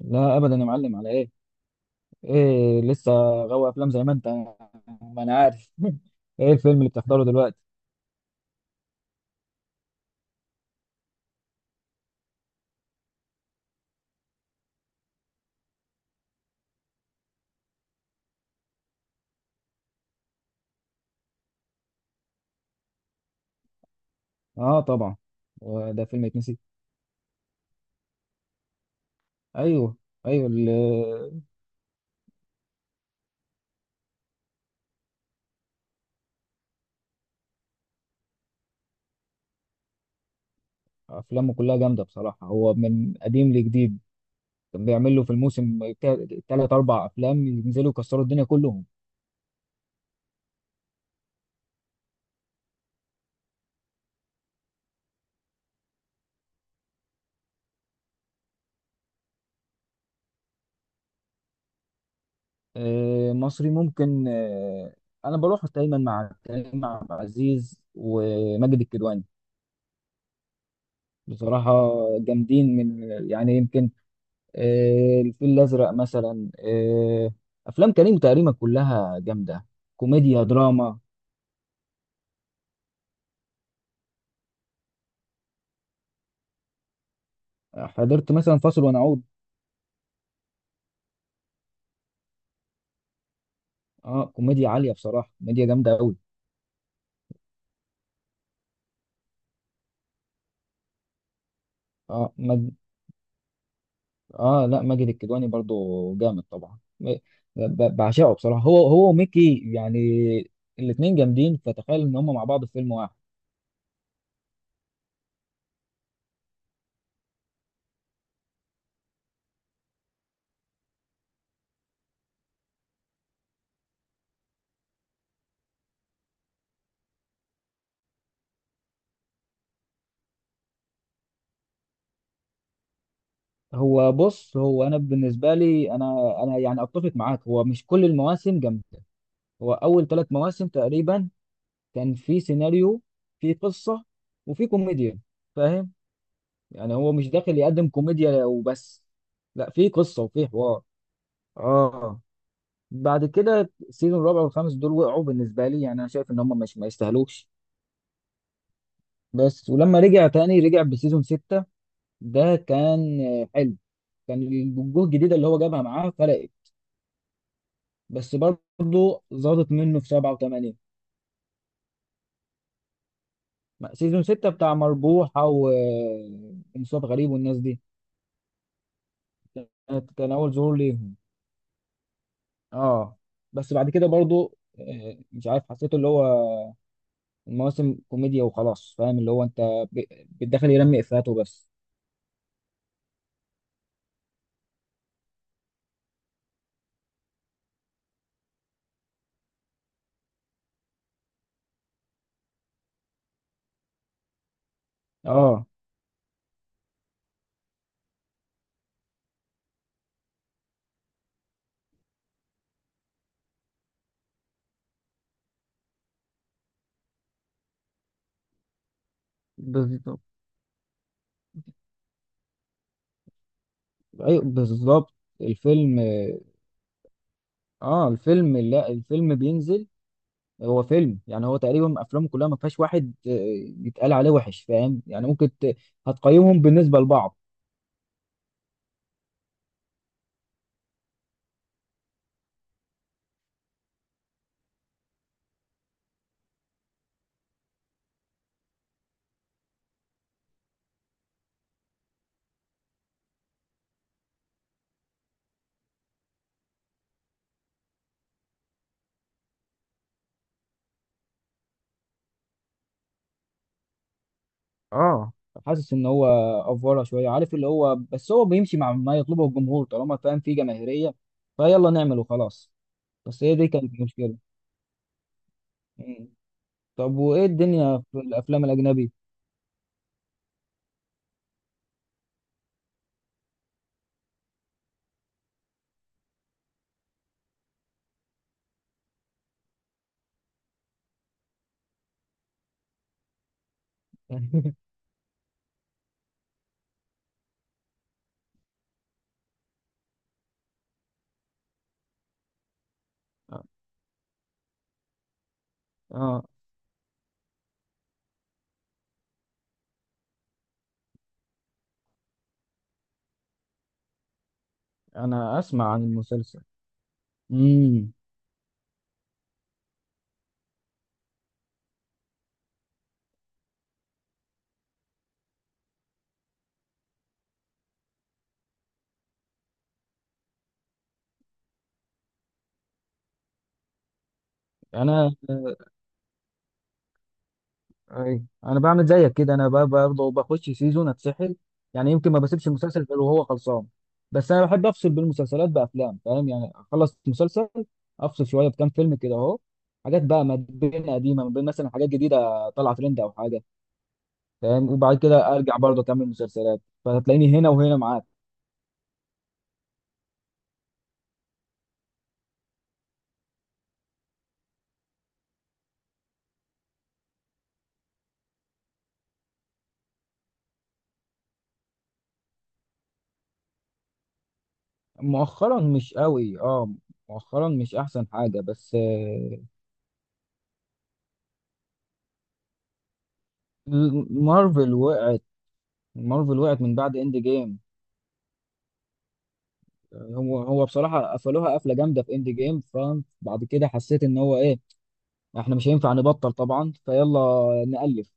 لا ابدا يا معلم، على ايه؟ ايه لسه. غاوي افلام زي ما انت. ما انا عارف ايه الفيلم اللي بتحضره دلوقتي؟ اه طبعا. هو ده فيلم يتنسي؟ ايوه ايوه. افلامه كلها جامده بصراحه، هو من قديم لجديد. كان بيعمل له في الموسم ثلاث اربع افلام ينزلوا يكسروا الدنيا كلهم. آه، مصري ممكن، آه. انا بروح دايما مع كريم عبد العزيز وماجد الكدواني بصراحه. جامدين، من يعني يمكن الفيل الأزرق مثلا، أفلام كريم تقريبا كلها جامدة. كوميديا دراما. حضرت مثلا فاصل ونعود. اه كوميديا عالية بصراحة، كوميديا جامدة أوي. اه مج... اه لا، ماجد الكدواني برضو جامد طبعا. بعشقه بصراحة، هو وميكي يعني، الاتنين جامدين، فتخيل إن هما مع بعض في فيلم واحد. هو بص، هو أنا بالنسبة لي، أنا يعني أتفق معاك، هو مش كل المواسم جامدة. هو أول ثلاث مواسم تقريبا كان في سيناريو، في قصة، وفي كوميديا، فاهم؟ يعني هو مش داخل يقدم كوميديا وبس، لا، في قصة وفي حوار. اه، بعد كده السيزون الرابع والخامس دول وقعوا بالنسبة لي، يعني انا شايف ان هم مش ما يستاهلوش. بس ولما رجع تاني رجع بسيزون ستة، ده كان حلو. كان الوجوه الجديدة اللي هو جابها معاه فرقت، بس برضه زادت منه في سبعة وثمانية. سيزون ستة بتاع مربوحة ومصطفى غريب والناس دي، كان أول ظهور ليهم. اه، بس بعد كده برضو مش عارف حسيته اللي هو المواسم كوميديا وخلاص، فاهم اللي هو انت بتدخل يرمي افيهات وبس. اه بالظبط. ايوه بالظبط. الفيلم اه الفيلم، لا الفيلم بينزل. هو فيلم يعني، هو تقريبا افلامه كلها ما فيهاش واحد يتقال عليه وحش، فاهم يعني؟ هتقيمهم بالنسبة لبعض. اه، حاسس ان هو افوره شويه، عارف اللي هو، بس هو بيمشي مع ما يطلبه الجمهور طالما فاهم في جماهيريه، فيلا نعمل وخلاص. بس هي دي كانت المشكلة. مم. طب وإيه الدنيا في الأفلام الأجنبي؟ آه، أنا أسمع عن المسلسل. امم. أنا أي. أنا بعمل زيك كده، برضه بخش سيزون أتسحل، يعني يمكن ما بسيبش المسلسل غير وهو خلصان. بس أنا بحب أفصل بين المسلسلات بأفلام، فاهم يعني؟ أخلص مسلسل، أفصل شوية بكام فيلم كده أهو، حاجات بقى ما بين قديمة، ما بين مثلا حاجات جديدة طالعة ترند أو حاجة، فاهم؟ وبعد كده أرجع برضه أكمل مسلسلات، فهتلاقيني هنا وهنا معاك. مؤخرا مش قوي، اه. مؤخرا مش احسن حاجة بس مارفل وقعت. مارفل وقعت من بعد اند جيم. هو بصراحة قفلوها قفلة جامدة في اند جيم، فبعد كده حسيت ان هو ايه، احنا مش هينفع نبطل طبعا، فيلا نألف.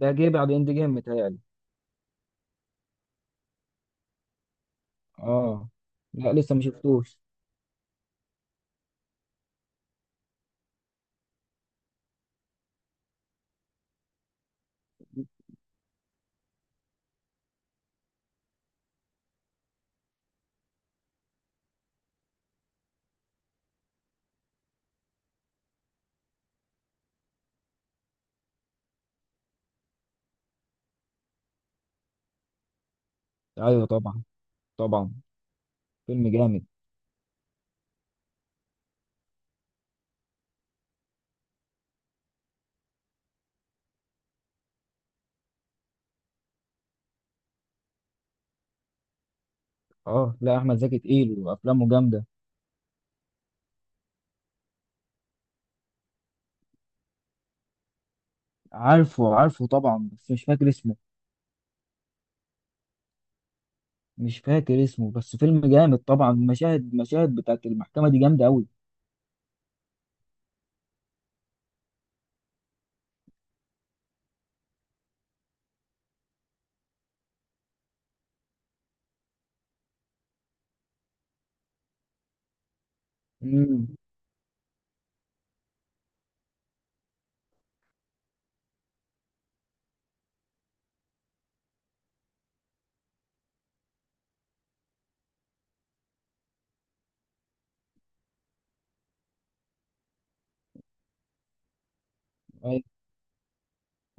ده جه بعد اند جيم متهيألي. اه، لا لسه ما شفتوش. ايوه طبعا، طبعا. فيلم جامد. اه، لا احمد زكي تقيل وافلامه جامدة. عارفه، عارفه، طبعا بس مش فاكر اسمه. مش فاكر اسمه بس فيلم جامد طبعا، مشاهد مشاهد بتاعت المحكمة دي جامدة أوي. امم. أيوة.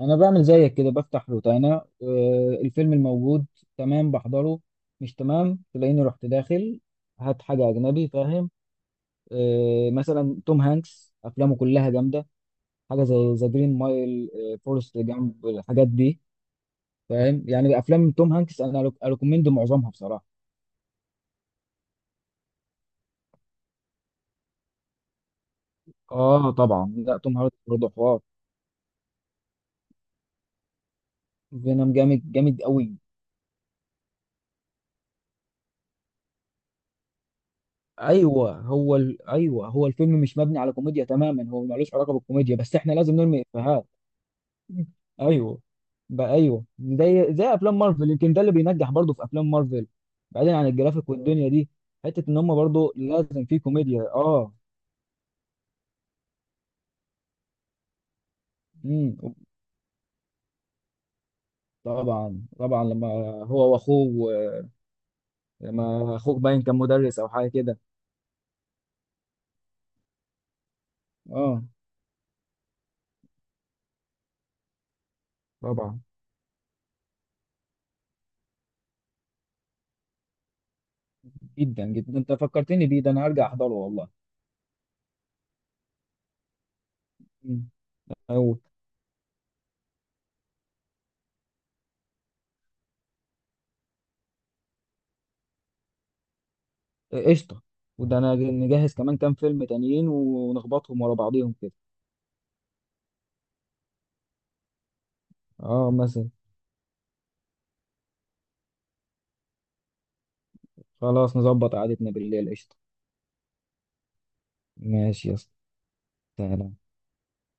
أنا بعمل زيك كده، بفتح روتانا الفيلم الموجود تمام بحضره، مش تمام تلاقيني رحت داخل هات حاجة أجنبي، فاهم؟ مثلا توم هانكس أفلامه كلها جامدة. حاجة زي ذا جرين مايل، فورست جامب، الحاجات دي، فاهم يعني؟ أفلام توم هانكس أنا أريكومند معظمها بصراحة. آه طبعا، لا توم هانكس برضه حوار. فينوم جامد، جامد أوي. ايوه، هو الفيلم مش مبني على كوميديا تماما، هو ملوش علاقه بالكوميديا، بس احنا لازم نرمي افيهات. ايوه. بقى ايوه، زي افلام مارفل يمكن ده اللي بينجح برضه في افلام مارفل. بعيدا عن الجرافيك والدنيا دي، حته ان هم برضه لازم في كوميديا. اه. امم. طبعا، طبعا، لما هو واخوه، لما اخوك باين كان مدرس او حاجه كده. اه طبعا. جدا جدا انت فكرتني بيه، ده انا هرجع احضره والله. امم. قشطه. وده انا نجهز كمان كام فيلم تانيين ونخبطهم ورا بعضيهم كده. اه مثلا. خلاص نظبط قعدتنا بالليل، قشطه. ماشي يا اسطى. سلام.